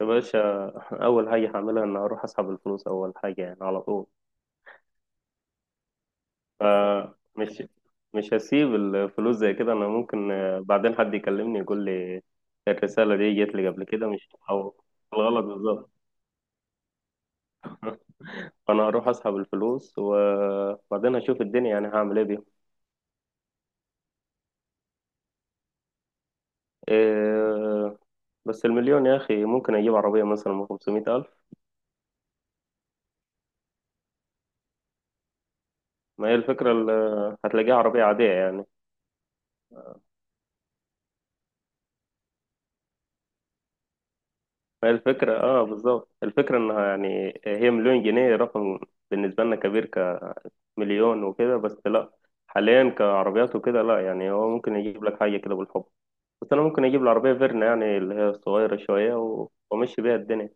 يا باشا، أول حاجة هعملها إن أروح أسحب الفلوس. أول حاجة يعني على طول. فمش مش هسيب الفلوس زي كده. أنا ممكن بعدين حد يكلمني يقول لي الرسالة دي جت لي قبل كده، مش أو الغلط بالظبط. فأنا هروح أسحب الفلوس وبعدين هشوف الدنيا، يعني هعمل إيه بيهم. إيه، بس المليون يا أخي، ممكن أجيب عربية مثلا من 500 ألف. ما هي الفكرة هتلاقيها عربية عادية يعني. ما هي الفكرة بالظبط، الفكرة انها يعني هي مليون جنيه، رقم بالنسبة لنا كبير، مليون وكده بس لا. حاليا كعربيات وكده لا، يعني هو ممكن يجيب لك حاجة كده بالحب، بس أنا ممكن أجيب العربية فيرنا، يعني اللي هي الصغيرة شوية، وأمشي بيها الدنيا.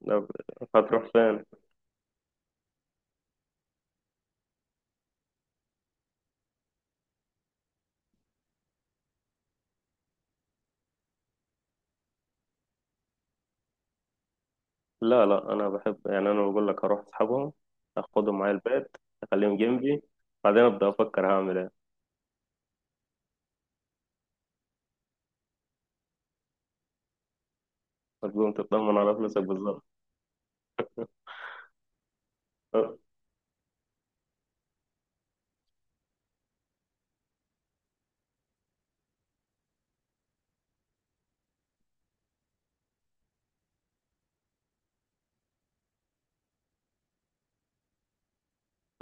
لا، هتروح فين؟ لا لا، أنا بحب يعني، أنا بقول لك هروح أصحابهم، أخدهم معايا البيت، أخليهم جنبي، بعدين أبدأ أفكر هعمل إيه. هتقوم تطمن على فلوسك بالظبط. أه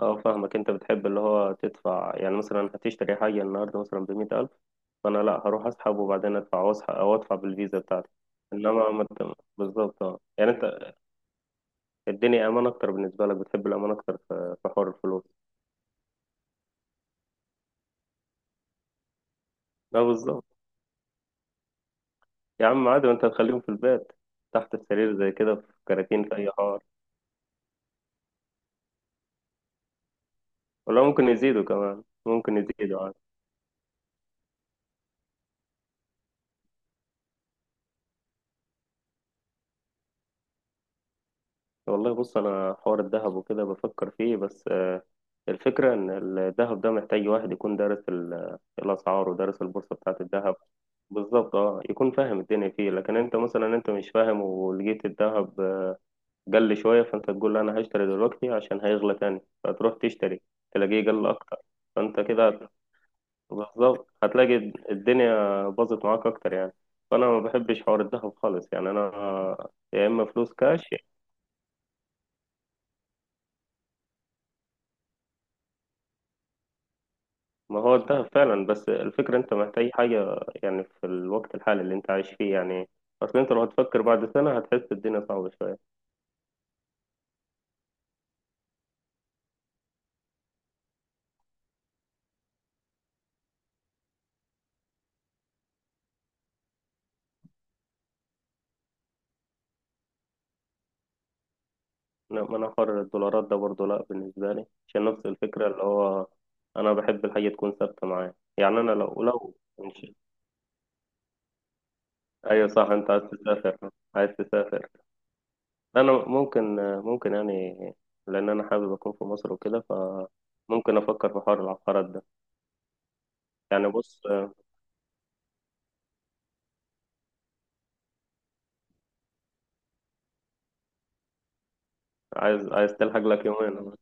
فاهمك، أنت بتحب اللي هو تدفع، يعني مثلا هتشتري حاجة النهاردة مثلا بمية ألف. ما انا لا، هروح اسحب وبعدين ادفع، او اسحب او ادفع بالفيزا بتاعتي. انما ما أنت- بالظبط اه، يعني انت الدنيا امان اكتر بالنسبه لك، بتحب الامان اكتر في حوار الفلوس. لا بالظبط، يا عم عادي، ما انت هتخليهم في البيت تحت السرير زي كده، في كراتين، في اي حوار. ولا ممكن يزيدوا كمان، ممكن يزيدوا عادي. والله بص، انا حوار الذهب وكده بفكر فيه، بس الفكرة إن الذهب ده محتاج واحد يكون دارس الأسعار ودارس البورصة بتاعة الذهب. بالظبط اه، يكون فاهم الدنيا فيه، لكن انت مثلا انت مش فاهم، ولقيت الذهب قل شوية، فانت تقول لا، انا هشتري دلوقتي عشان هيغلى تاني، فتروح تشتري تلاقيه قل أكتر. فانت كده بالظبط هتلاقي الدنيا باظت معاك أكتر يعني. فأنا ما بحبش حوار الذهب خالص يعني، أنا يا إما فلوس كاش. ما هو انتهى فعلا، بس الفكرة انت محتاج حاجة يعني في الوقت الحالي اللي انت عايش فيه يعني. اصل انت لو هتفكر بعد سنة هتحس الدنيا صعبة شوية. لا، ما انا حر. الدولارات ده برضه لا بالنسبة لي، عشان نفس الفكرة، اللي هو انا بحب الحاجة تكون ثابتة معايا. يعني انا لو لو مش- ايوه صح، انت عايز تسافر عايز تسافر، انا ممكن يعني لان انا حابب اكون في مصر وكده، فممكن افكر في حوار العقارات ده. يعني بص، عايز تلحق لك يومين.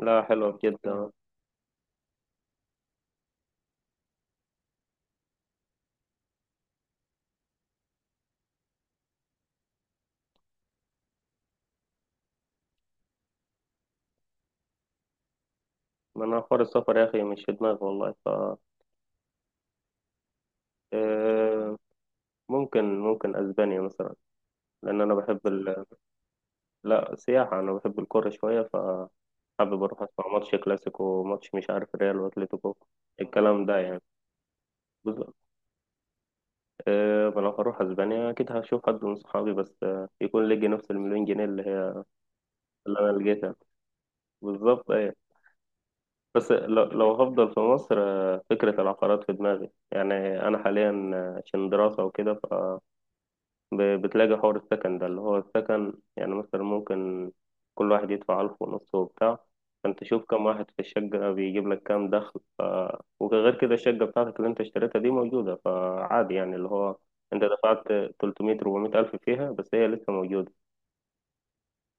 لا حلوة جدا. ما انا حوار السفر يا اخي مش في دماغي والله. ف آه، ممكن اسبانيا مثلا، لان انا بحب لا سياحه، انا بحب الكوره شويه، فحابب اروح اسمع ماتش كلاسيكو وماتش مش عارف ريال واتليتيكو، الكلام ده يعني. بالظبط أه، ما لو هروح اسبانيا اكيد هشوف حد من صحابي، بس يكون لقي نفس المليون جنيه اللي هي اللي انا لقيتها. بالظبط ايه، بس لو هفضل في مصر فكره العقارات في دماغي يعني. انا حاليا عشان دراسه وكده بتلاقي حوار السكن ده، اللي هو السكن يعني مثلا ممكن كل واحد يدفع ألف ونص وبتاع. فأنت شوف كم واحد في الشقة، بيجيب لك كام دخل. وغير كده الشقة بتاعتك اللي أنت اشتريتها دي موجودة، فعادي يعني اللي هو أنت دفعت تلتمية ربعمية ألف فيها، بس هي لسه موجودة.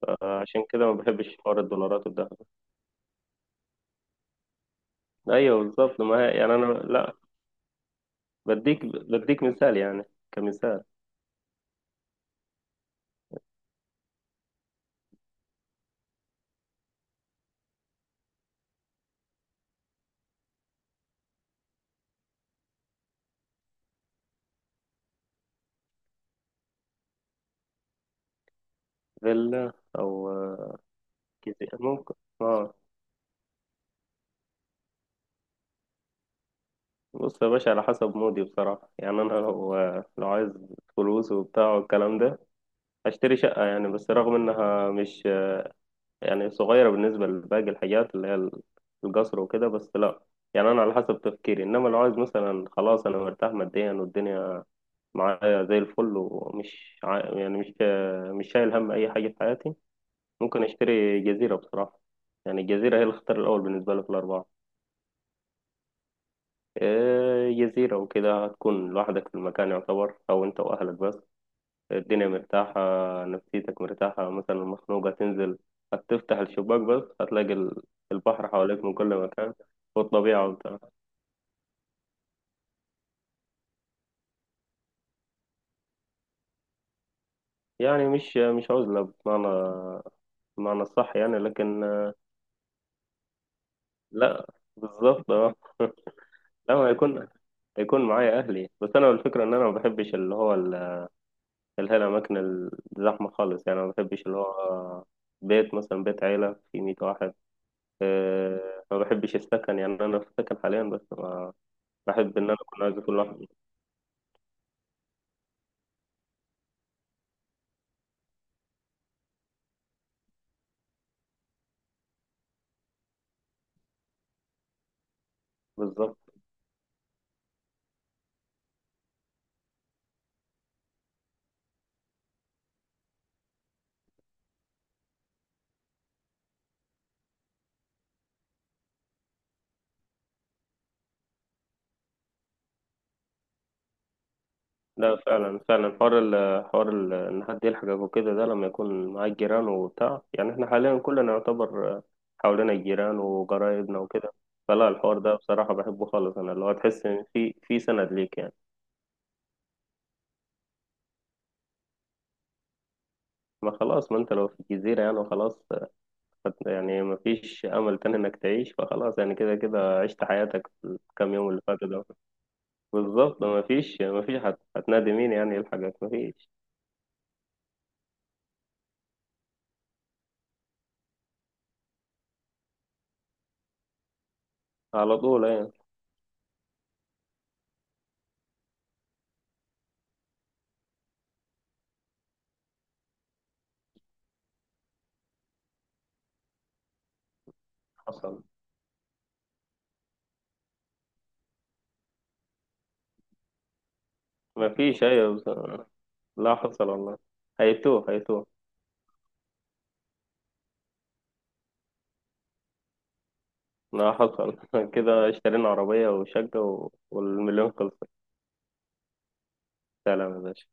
فعشان كده ما بحبش حوار الدولارات والدهب. أيوه بالظبط، ما هي يعني أنا لا، بديك مثال يعني، كمثال. فيلا أو كده ممكن. اه، بص يا باشا، على حسب مودي بصراحة. يعني أنا لو عايز فلوس وبتاع والكلام ده، هشتري شقة يعني، بس رغم إنها مش يعني صغيرة بالنسبة لباقي الحاجات اللي هي القصر وكده، بس لأ. يعني أنا على حسب تفكيري، إنما لو عايز مثلا خلاص، أنا مرتاح ماديا والدنيا معايا زي الفل، يعني مش شايل هم أي حاجة في حياتي، ممكن أشتري جزيرة بصراحة. يعني الجزيرة هي الاختيار الأول بالنسبة لي في الأربعة. جزيرة وكده، هتكون لوحدك في المكان يعتبر، أو أنت وأهلك بس. الدنيا مرتاحة، نفسيتك مرتاحة، مثلا مخنوقة تنزل، هتفتح الشباك بس هتلاقي البحر حواليك من كل مكان. والطبيعة وبتاع، يعني مش عزلة بمعنى الصح، يعني لكن لا بالظبط اه لا، ما يكون معايا أهلي بس. أنا الفكرة إن أنا ما بحبش اللي هو اللي هي الأماكن الزحمة خالص، يعني ما بحبش اللي هو بيت، مثلا بيت عيلة فيه 100 واحد. ما بحبش السكن، يعني أنا في سكن حاليا، بس بحب ان انا اكون عازف لوحدي. بالظبط، لا فعلا فعلا، حوار ال حوار ال ان حد يلحقك وكده، ده لما يكون معاك جيران وبتاع. يعني احنا حاليا كلنا يعتبر حوالينا الجيران وقرايبنا وكده، فلا الحوار ده بصراحة بحبه خالص. انا اللي هو تحس ان في سند ليك يعني. ما خلاص، ما انت لو في جزيرة يعني وخلاص، يعني ما فيش امل تاني انك تعيش، فخلاص يعني كده كده عشت حياتك في الكام يوم اللي فاتوا ده. بالظبط، ما فيش هتنادي مين يعني يلحقك؟ ما فيش على طول يعني. حصل، ما فيش أيوة، بس لا حصل والله، هيتوه هيتوه. لا حصل كده اشترينا عربية وشقة والمليون خلص. سلام يا باشا.